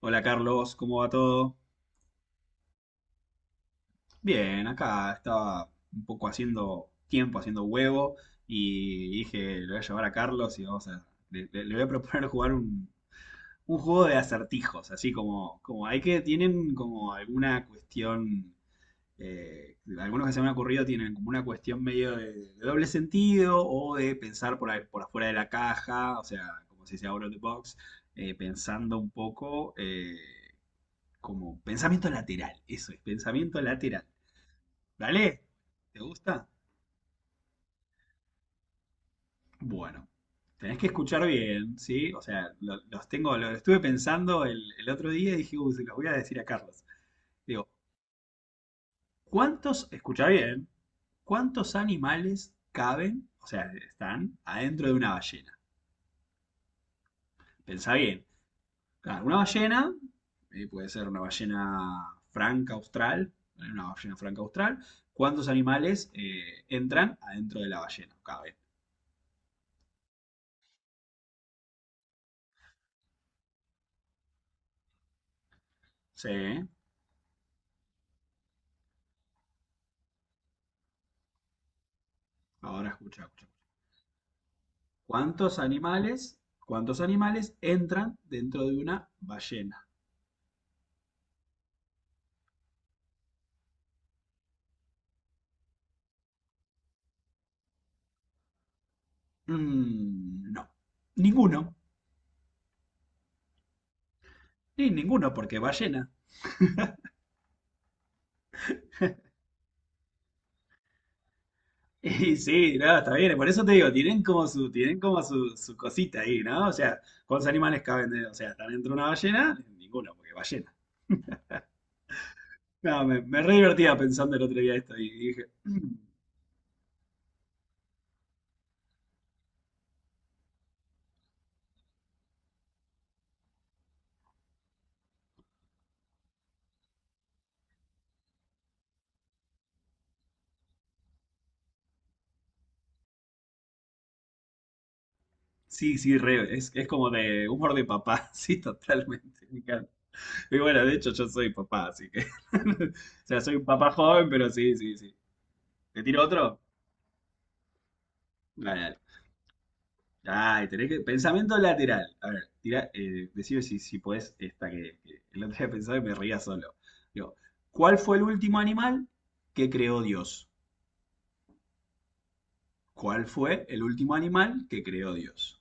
Hola Carlos, ¿cómo va todo? Bien, acá estaba un poco haciendo tiempo, haciendo huevo y dije, le voy a llevar a Carlos y vamos a, le voy a proponer jugar un juego de acertijos, así como, como hay que, tienen como alguna cuestión, algunos que se me han ocurrido tienen como una cuestión medio de doble sentido o de pensar por afuera de la caja, o sea, como si se dice out of the box, pensando un poco. Como pensamiento lateral, eso es, pensamiento lateral. ¿Vale? ¿Te gusta? Bueno, tenés que escuchar bien, ¿sí? O sea, los tengo, lo estuve pensando el otro día y dije, uy, se los voy a decir a Carlos. Digo, ¿cuántos, escucha bien, cuántos animales caben, o sea, están adentro de una ballena? Pensá bien. Claro, una ballena, puede ser una ballena franca austral, ¿vale? Una ballena franca austral. ¿Cuántos animales entran adentro de la ballena? Caben. Sí, ahora escucha, escucha. ¿Cuántos animales, cuántos animales entran dentro de una ballena? No, ninguno, ni ninguno, porque ballena. Y sí, no, está bien, por eso te digo, tienen como su cosita ahí, ¿no? O sea, ¿cuántos animales o sea, están dentro de una ballena? Ninguno, porque ballena. No, me re divertía pensando el otro día esto y dije, sí, sí, es como de humor de papá, sí, totalmente. Y bueno, de hecho yo soy papá, así que... O sea, soy un papá joven, pero sí, sí, sí. ¿Te tiro otro? Dale, dale. Ay, tenés que... Pensamiento lateral. A ver, tira, decime si podés esta que el otro día pensaba y me ría solo. Digo, ¿cuál fue el último animal que creó Dios? ¿Cuál fue el último animal que creó Dios?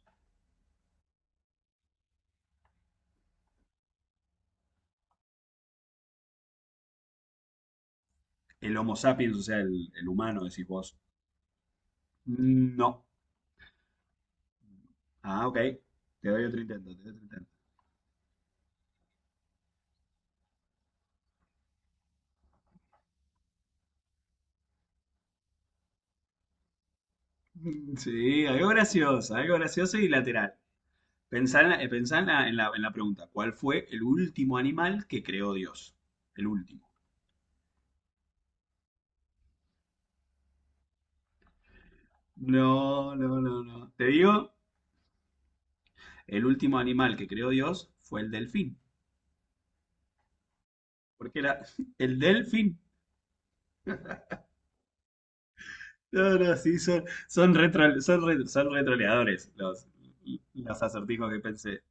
El Homo sapiens, o sea, el humano, decís vos. No. Ah, ok. Te doy otro intento, te doy otro intento. Sí, algo gracioso y lateral. Pensá en la, pensá en en la pregunta. ¿Cuál fue el último animal que creó Dios? El último. No, no, no, no. Te digo, el último animal que creó Dios fue el delfín. Porque era el delfín. No, no, sí, son retroleadores los acertijos que pensé.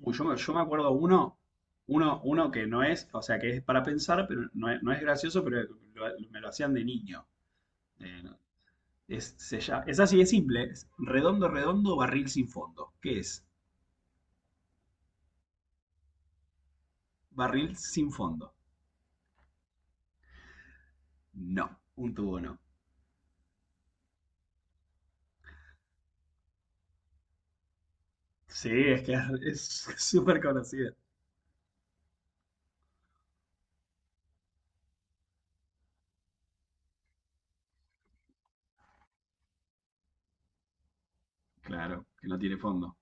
Uy, yo me acuerdo uno, uno que no es, o sea, que es para pensar, pero no es gracioso, pero me lo hacían de niño. Eh, Es, es así de simple. Es redondo, redondo, barril sin fondo. ¿Qué es? Barril sin fondo. No, un tubo no. Sí, es que es súper conocida. Claro, que no tiene fondo.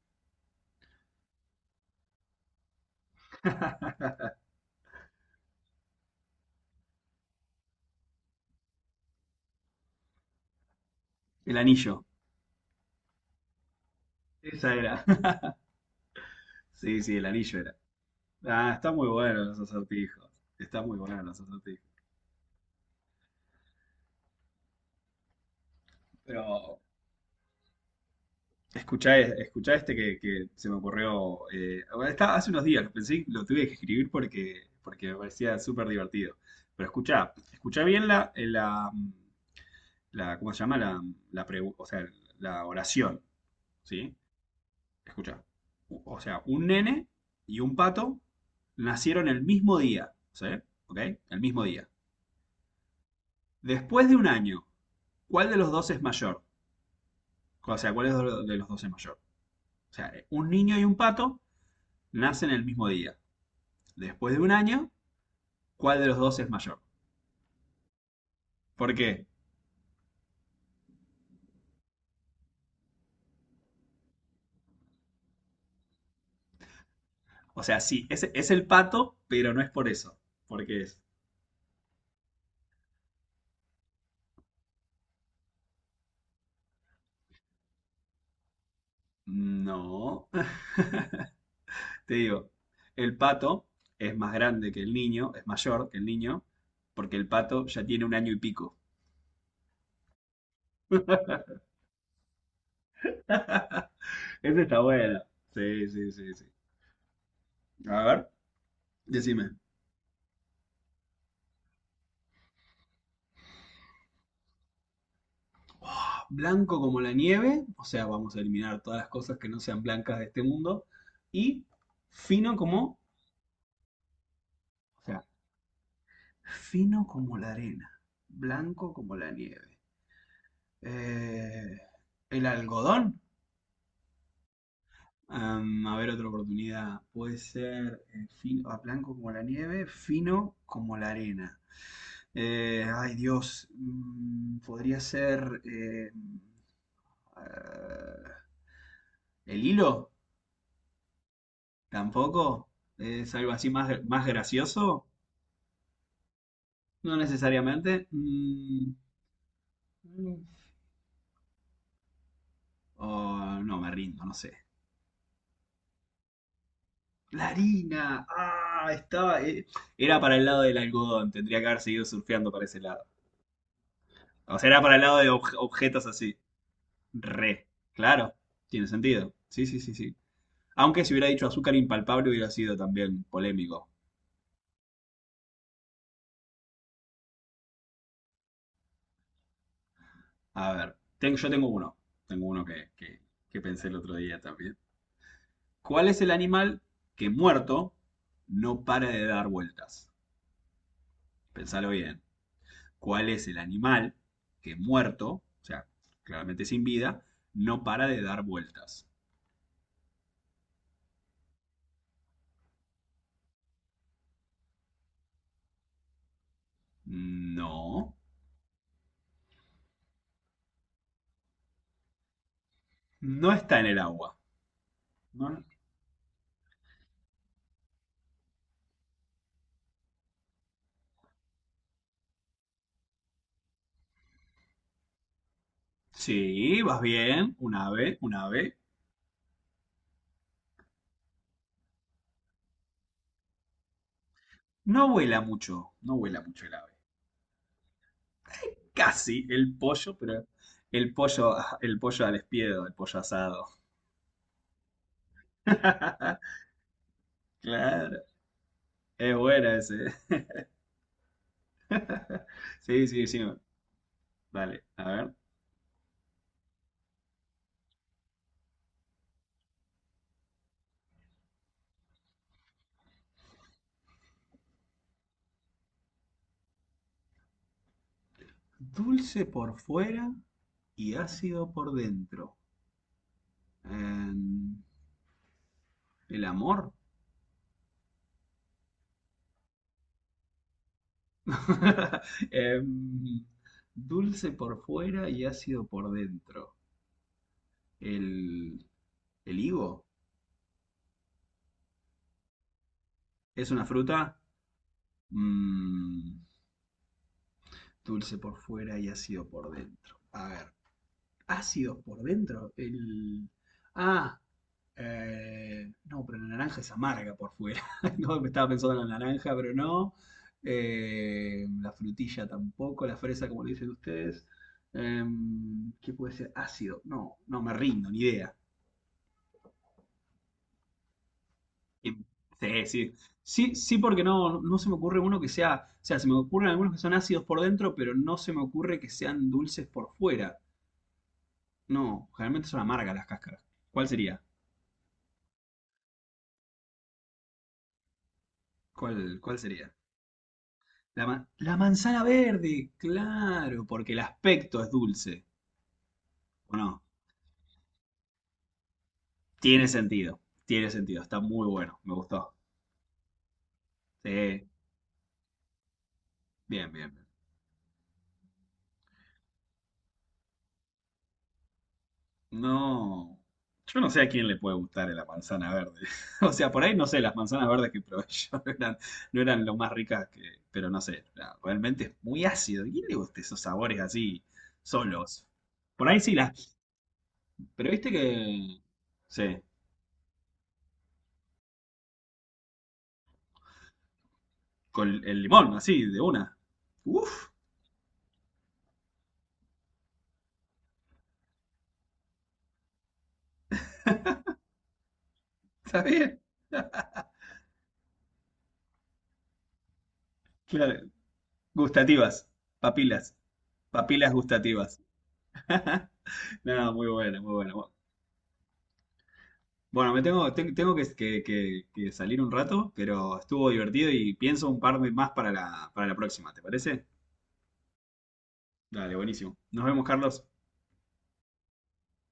El anillo. Esa era. Sí, sí, el anillo era. Ah, está muy bueno los acertijos. Está muy bueno los acertijos. Pero escuchá, escuchá este que se me ocurrió. Eh, bueno, está, hace unos días lo pensé, lo tuve que escribir porque, porque me parecía súper divertido. Pero escuchá, escuchá bien la, ¿cómo se llama? La o sea, la oración, ¿sí? Escuchá. O sea, un nene y un pato nacieron el mismo día, ¿sí? ¿Ok? El mismo día. Después de un año, ¿cuál de los dos es mayor? O sea, ¿cuál es de los dos es mayor? O sea, un niño y un pato nacen el mismo día. Después de un año, cuál de los dos es mayor. ¿Por qué? O sea, sí, es el pato, pero no es por eso. Porque es. No. Te digo, el pato es más grande que el niño, es mayor que el niño, porque el pato ya tiene un año y pico. Ese está bueno. Sí, sí, sí, sí. A ver, decime. Oh, blanco como la nieve, o sea, vamos a eliminar todas las cosas que no sean blancas de este mundo. Y fino como, o sea, fino como la arena, blanco como la nieve. Eh, el algodón. Am, a ver, otra oportunidad. Puede ser blanco como la nieve, fino como la arena. Ay, Dios. Mm, podría ser eh, el hilo. Tampoco. Es algo así más, más gracioso. No necesariamente. Mm. O no, me rindo, no sé. La harina, ah, estaba. Era para el lado del algodón, tendría que haber seguido surfeando para ese lado. O sea, era para el lado de objetos así. Re, claro, tiene sentido. Sí, sí, sí, sí. Aunque si hubiera dicho azúcar impalpable hubiera sido también polémico. A ver, yo tengo uno. Tengo uno que pensé el otro día también. ¿Cuál es el animal que muerto no para de dar vueltas? Pensalo bien. Cuál es el animal que muerto, o sea, claramente sin vida, no para de dar vueltas. No, no está en el agua. No- Sí, vas bien, un ave. No vuela mucho, no vuela mucho el ave. Casi el pollo, pero el pollo, el pollo al espiedo, el pollo asado. Claro, es buena ese. Sí, sí, sí, dale, a ver. Dulce por fuera y ácido por dentro. Em, el amor. Em, dulce por fuera y ácido por dentro. El, el higo es una fruta. Mm, dulce por fuera y ácido por dentro. A ver. Ácidos por dentro. El... Ah, no, pero la naranja es amarga por fuera. No, me estaba pensando en la naranja, pero no. La frutilla tampoco, la fresa, como le dicen ustedes. Em, ¿qué puede ser? Ácido. No, no me rindo, ni idea. Em, sí, sí. Sí, sí, porque no, no se me ocurre uno que sea. O sea, se me ocurren algunos que son ácidos por dentro, pero no se me ocurre que sean dulces por fuera. No, generalmente son amargas las cáscaras. ¿Cuál sería? ¿Cuál, cuál sería? La, la manzana verde, claro, porque el aspecto es dulce. ¿O no? Tiene sentido, tiene sentido, está muy bueno, me gustó. Sí, bien, bien, bien. No, yo no sé a quién le puede gustar la manzana verde. O sea, por ahí no sé, las manzanas verdes que probé yo no eran, no eran lo más ricas que, pero no sé, realmente es muy ácido. ¿A quién le gusta esos sabores así, solos? Por ahí sí las, pero viste que, sí. Con el limón, así, de una. Uf, está bien. Claro, gustativas, papilas, papilas gustativas. No, muy bueno, muy bueno. Bueno, tengo que, que salir un rato, pero estuvo divertido y pienso un par de más para la próxima, ¿te parece? Dale, buenísimo. Nos vemos, Carlos.